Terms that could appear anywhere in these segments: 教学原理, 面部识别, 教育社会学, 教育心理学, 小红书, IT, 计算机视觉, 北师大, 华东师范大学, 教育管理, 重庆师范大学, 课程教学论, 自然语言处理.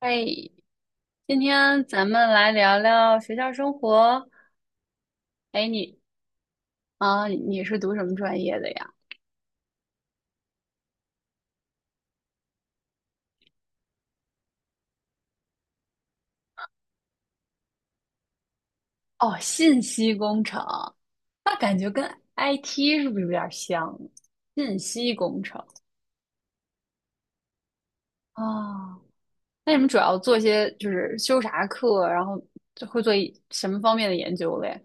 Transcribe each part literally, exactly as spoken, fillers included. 哎，今天咱们来聊聊学校生活。哎，你啊，你是读什么专业的呀？哦，信息工程，那感觉跟 I T 是不是有点儿像？信息工程啊，那你们主要做些就是修啥课，然后就会做一什么方面的研究嘞？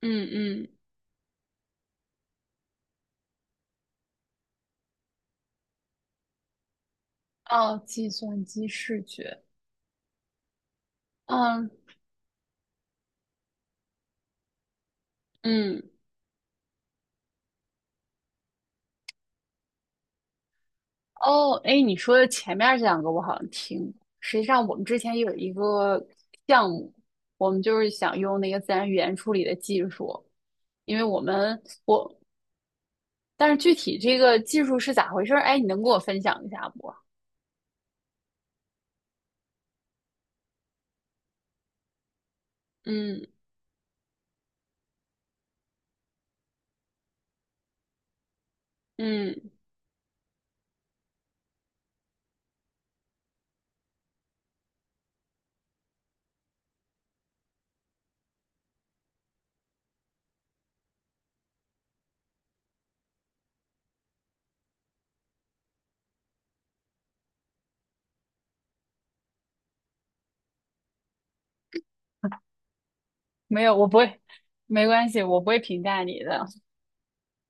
嗯嗯，哦，计算机视觉，嗯嗯哦，哎，你说的前面这两个我好像听过。实际上，我们之前有一个项目，我们就是想用那个自然语言处理的技术，因为我们我，但是具体这个技术是咋回事儿？哎，你能给我分享一下不？嗯嗯，没有，我不会，没关系，我不会评价你的，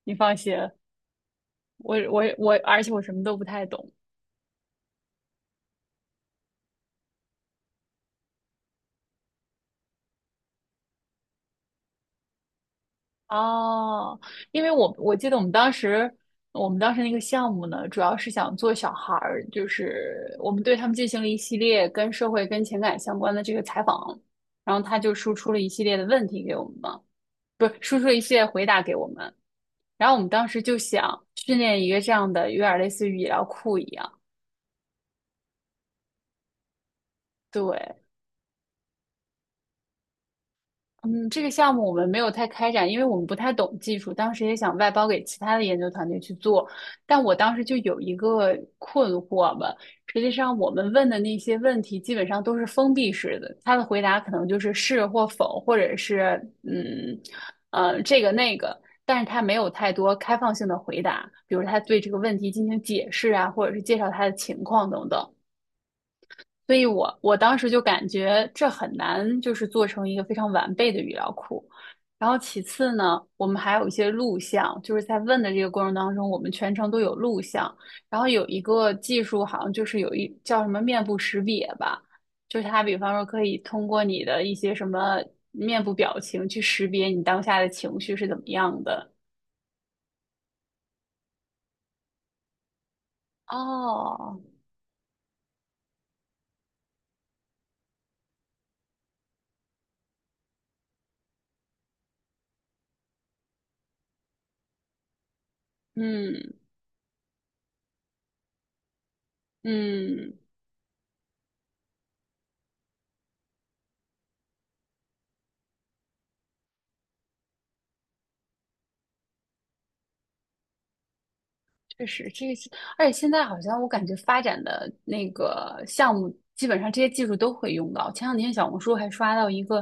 你放心。我我我，而且我什么都不太懂。哦，因为我我记得我们当时，我们当时那个项目呢，主要是想做小孩儿，就是我们对他们进行了一系列跟社会、跟情感相关的这个采访，然后他就输出了一系列的问题给我们嘛，不是输出了一系列回答给我们，然后我们当时就想训练一个这样的，有点类似于医疗库一样，对，嗯，这个项目我们没有太开展，因为我们不太懂技术，当时也想外包给其他的研究团队去做，但我当时就有一个困惑吧。实际上，我们问的那些问题基本上都是封闭式的，他的回答可能就是是或否，或者是嗯呃这个那个，但是他没有太多开放性的回答，比如他对这个问题进行解释啊，或者是介绍他的情况等等。所以我我当时就感觉这很难，就是做成一个非常完备的语料库。然后其次呢，我们还有一些录像，就是在问的这个过程当中，我们全程都有录像。然后有一个技术，好像就是有一叫什么面部识别吧，就是它比方说可以通过你的一些什么面部表情去识别你当下的情绪是怎么样的。哦，嗯嗯，确实，这个是，而且现在好像我感觉发展的那个项目，基本上这些技术都会用到。前两天小红书还刷到一个，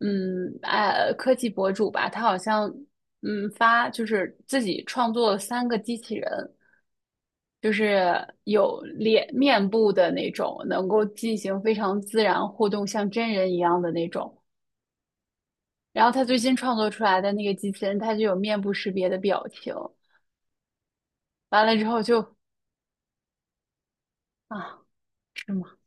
嗯，呃，科技博主吧，他好像，嗯，发就是自己创作了三个机器人，就是有脸面部的那种，能够进行非常自然互动，像真人一样的那种。然后他最新创作出来的那个机器人，它就有面部识别的表情，完了之后就啊。是吗？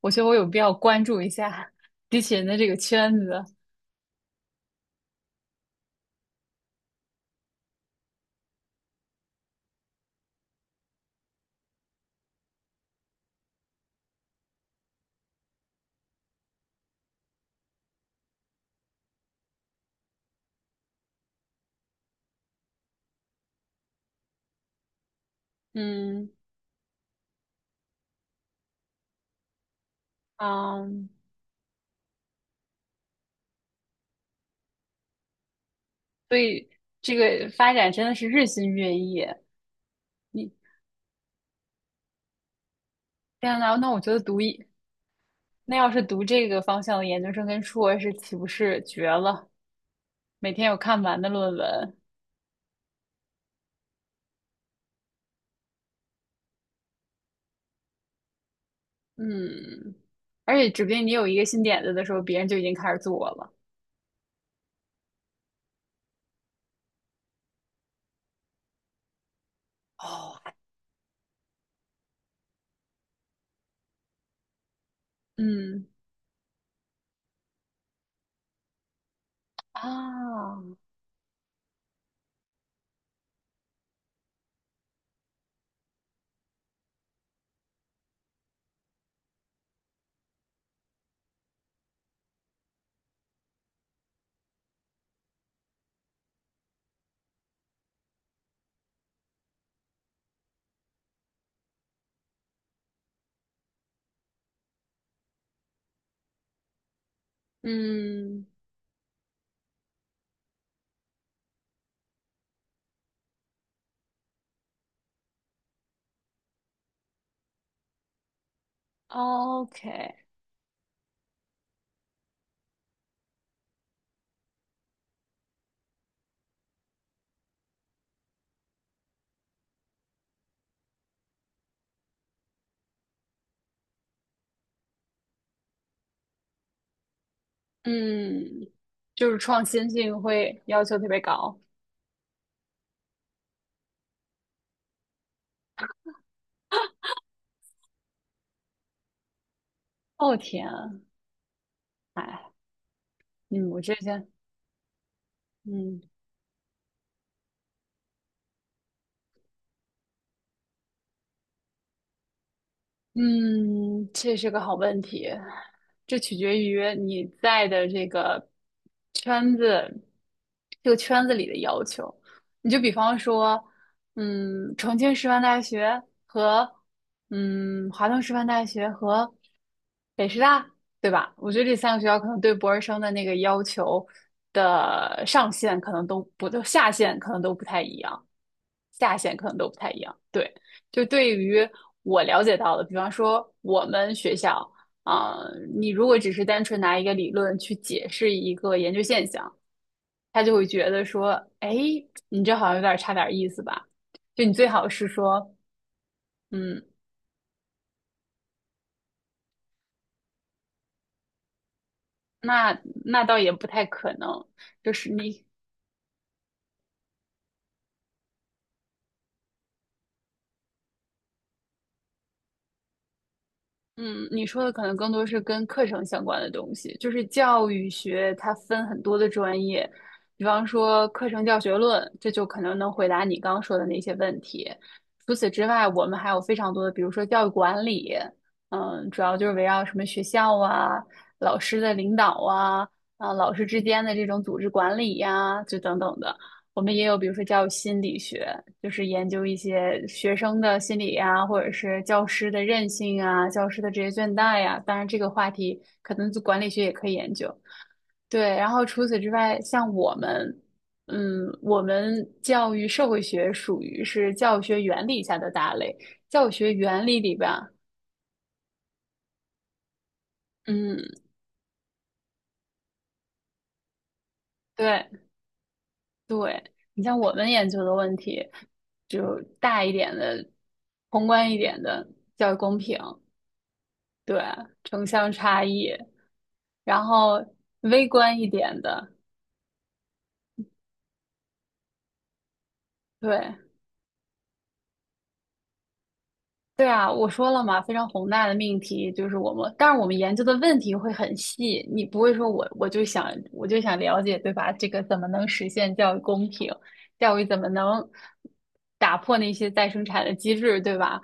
我觉得我有必要关注一下机器人的这个圈子。嗯嗯，所以这个发展真的是日新月异。你天呐，那我觉得读一，那要是读这个方向的研究生跟硕士，岂不是绝了？每天有看不完的论文。嗯，而且指不定你有一个新点子的时候，别人就已经开始做了。哦，嗯啊，嗯，O K，嗯，就是创新性会要求特别高。哦天啊，哎，嗯，我这边，嗯，嗯，这是个好问题，这取决于你在的这个圈子，这个圈子里的要求。你就比方说，嗯，重庆师范大学和嗯华东师范大学和北师大，对吧？我觉得这三个学校可能对博士生的那个要求的上限可能都不，都下限可能都不太一样，下限可能都不太一样，对。就对于我了解到的，比方说我们学校啊、你如果只是单纯拿一个理论去解释一个研究现象，他就会觉得说，哎，你这好像有点差点意思吧？就你最好是说，嗯，那那倒也不太可能，就是你嗯，你说的可能更多是跟课程相关的东西，就是教育学它分很多的专业，比方说课程教学论，这就可能能回答你刚刚说的那些问题。除此之外，我们还有非常多的，比如说教育管理，嗯，主要就是围绕什么学校啊、老师的领导啊、啊老师之间的这种组织管理呀、就等等的。我们也有，比如说教育心理学，就是研究一些学生的心理呀，或者是教师的韧性啊，教师的职业倦怠呀。当然，这个话题可能就管理学也可以研究。对，然后除此之外，像我们，嗯，我们教育社会学属于是教学原理下的大类。教学原理里边儿嗯，对对，你像我们研究的问题，就大一点的，宏观一点的教育公平。对，城乡差异，然后微观一点的，对，对啊，我说了嘛，非常宏大的命题就是我们，但是我们研究的问题会很细，你不会说我我就想我就想了解，对吧？这个怎么能实现教育公平？教育怎么能打破那些再生产的机制，对吧？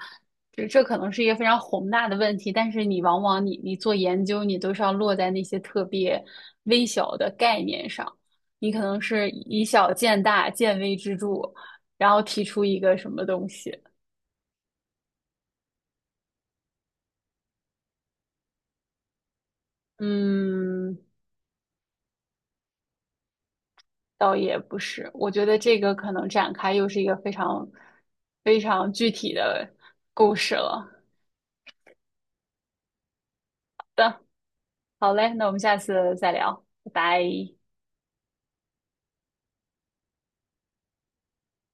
这这可能是一个非常宏大的问题，但是你往往你你做研究，你都是要落在那些特别微小的概念上，你可能是以小见大，见微知著，然后提出一个什么东西。嗯，倒也不是，我觉得这个可能展开又是一个非常非常具体的故事了。好嘞，那我们下次再聊，拜拜。